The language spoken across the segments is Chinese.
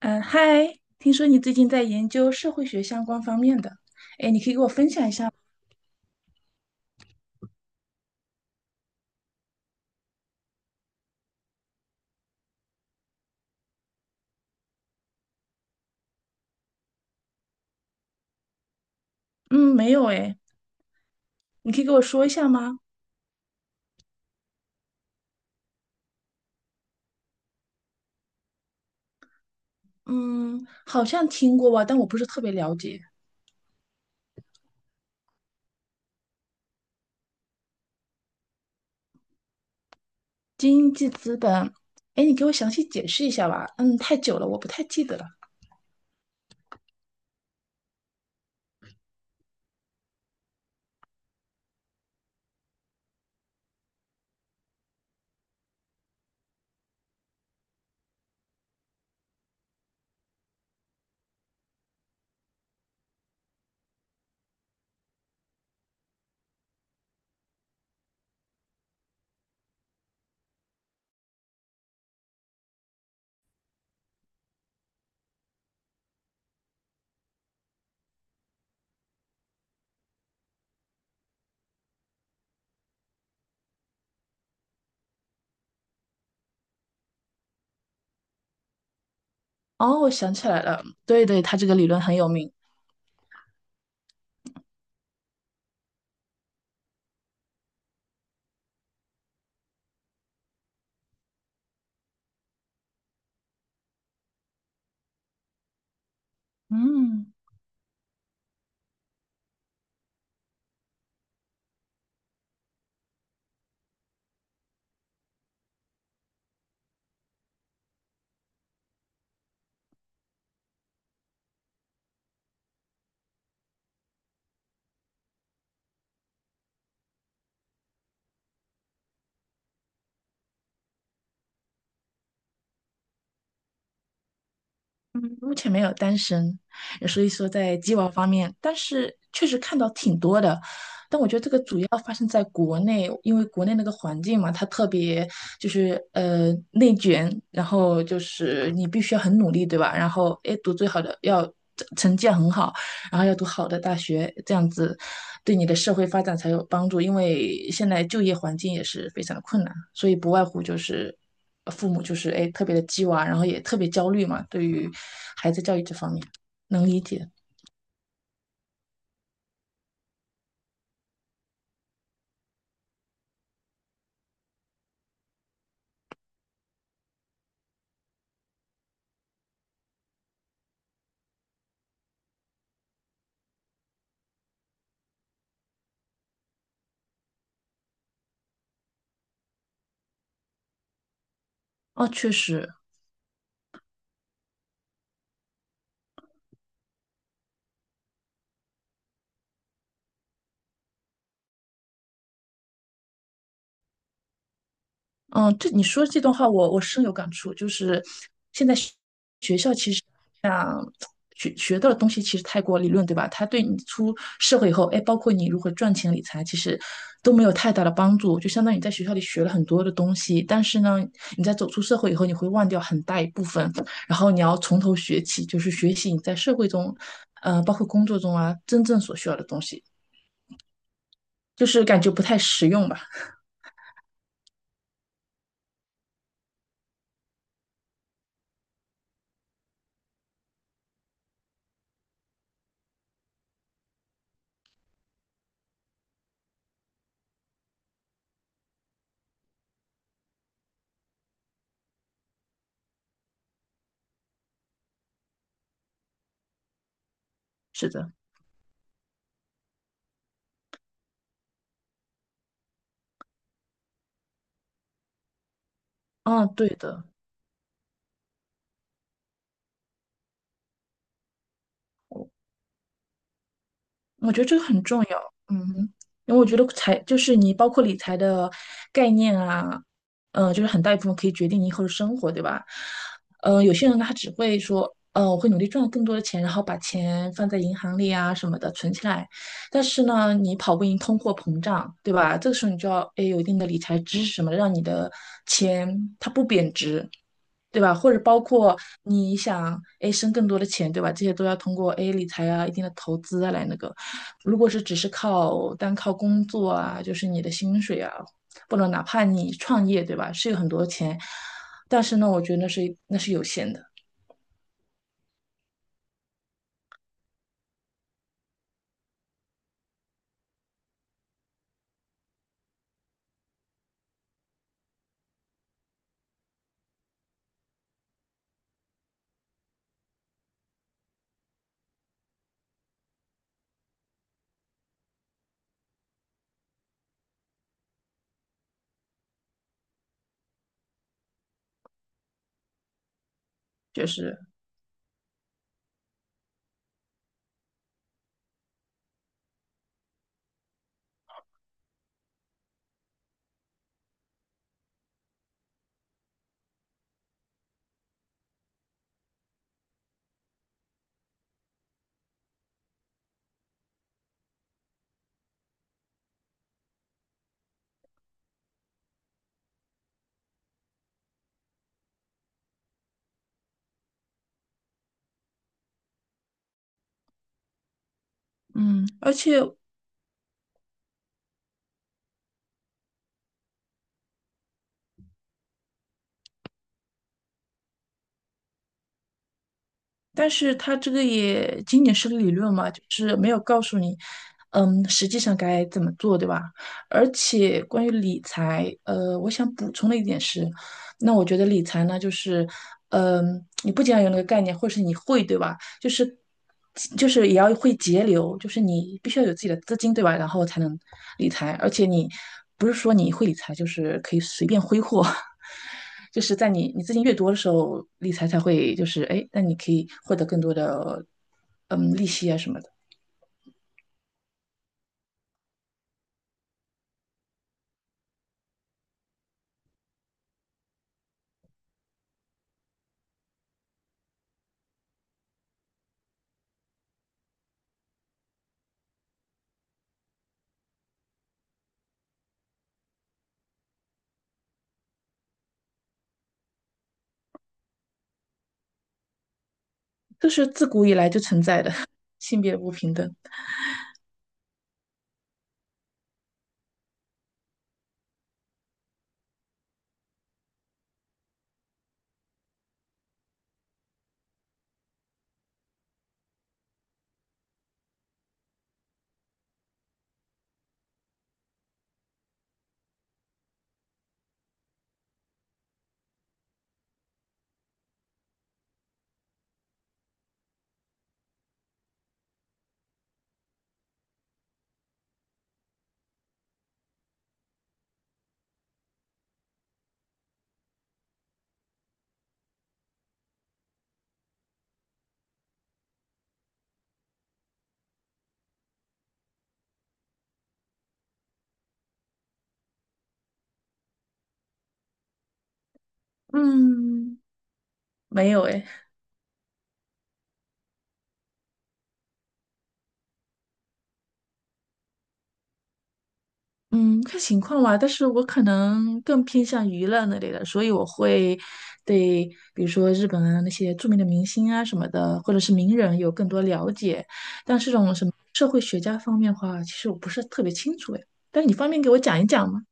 嗯，嗨，听说你最近在研究社会学相关方面的，哎，你可以给我分享一下吗？嗯，没有哎，你可以给我说一下吗？嗯，好像听过吧，但我不是特别了解。经济资本。哎，你给我详细解释一下吧。嗯，太久了，我不太记得了。哦，我想起来了，对对，他这个理论很有名。嗯。嗯，目前没有单身，所以说在鸡娃方面，但是确实看到挺多的。但我觉得这个主要发生在国内，因为国内那个环境嘛，它特别就是内卷，然后就是你必须要很努力，对吧？然后哎，诶读最好的要成绩要很好，然后要读好的大学，这样子对你的社会发展才有帮助。因为现在就业环境也是非常的困难，所以不外乎就是父母就是哎特别的鸡娃，然后也特别焦虑嘛，对于孩子教育这方面能理解。哦，确实，嗯，这你说这段话我深有感触，就是现在。学。像学到的东西其实太过理论，对吧？它对你出社会以后，哎，包括你如何赚钱理财，其实都没有太大的帮助。就相当于你在学校里学了很多的东西，但是呢，你在走出社会以后，你会忘掉很大一部分，然后你要从头学起，就是学习你在社会中，呃，包括工作中啊，真正所需要的东西，就是感觉不太实用吧？是的，嗯，对的。我觉得这个很重要，嗯，因为我觉得财就是你包括理财的概念啊，就是很大一部分可以决定你以后的生活，对吧？呃，有些人呢他只会说，呃，我会努力赚更多的钱，然后把钱放在银行里啊什么的存起来，但是呢，你跑不赢通货膨胀，对吧？这个时候你就要，哎，有一定的理财知识什么的让你的钱它不贬值，对吧？或者包括你想诶生更多的钱，对吧？这些都要通过哎，理财啊、一定的投资啊来那个。如果是只是靠单靠工作啊，就是你的薪水啊，不能哪怕你创业，对吧？是有很多钱，但是呢，我觉得那是有限的，就是嗯，而且但是它这个也仅仅是个理论嘛，就是没有告诉你，嗯，实际上该怎么做，对吧？而且关于理财，呃，我想补充的一点是，那我觉得理财呢，就是，嗯，你不仅要有那个概念，或是你会，对吧？就是就是也要会节流，就是你必须要有自己的资金，对吧？然后才能理财，而且你不是说你会理财就是可以随便挥霍，就是在你资金越多的时候，理财才会就是哎，那你可以获得更多的嗯利息啊什么的，这是自古以来就存在的 性别不平等。嗯，没有哎。嗯，看情况吧，但是我可能更偏向娱乐那类的，所以我会对，比如说日本啊那些著名的明星啊什么的，或者是名人有更多了解。但是这种什么社会学家方面的话，其实我不是特别清楚哎。但是你方便给我讲一讲吗？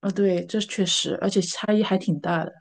啊，对，这确实，而且差异还挺大的。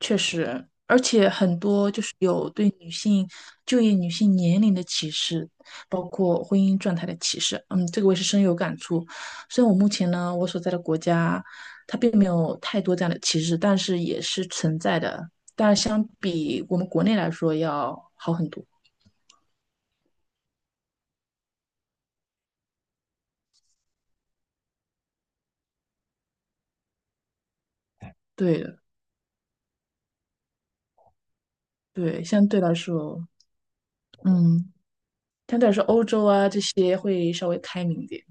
确实，而且很多就是有对女性就业、女性年龄的歧视，包括婚姻状态的歧视。嗯，这个我也是深有感触。虽然我目前呢，我所在的国家它并没有太多这样的歧视，但是也是存在的。但是相比我们国内来说要好很多。对的，对，相对来说，嗯，相对来说欧洲啊这些会稍微开明一点。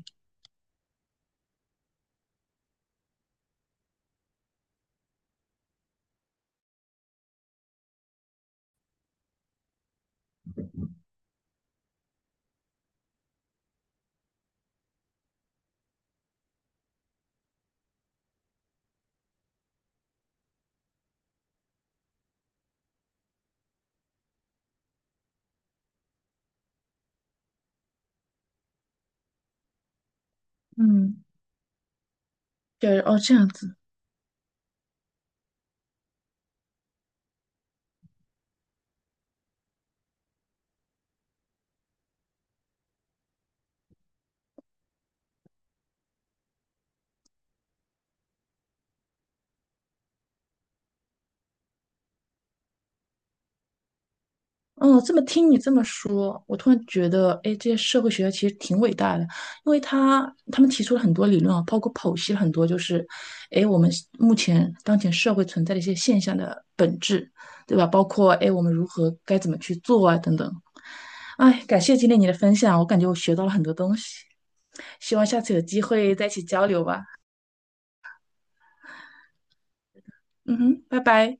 嗯，对，哦，这样子。嗯，这么听你这么说，我突然觉得，哎，这些社会学家其实挺伟大的，因为他他们提出了很多理论啊，包括剖析了很多，就是，哎，我们目前当前社会存在的一些现象的本质，对吧？包括哎，我们如何该怎么去做啊，等等。哎，感谢今天你的分享，我感觉我学到了很多东西，希望下次有机会再一起交流吧。嗯哼，拜拜。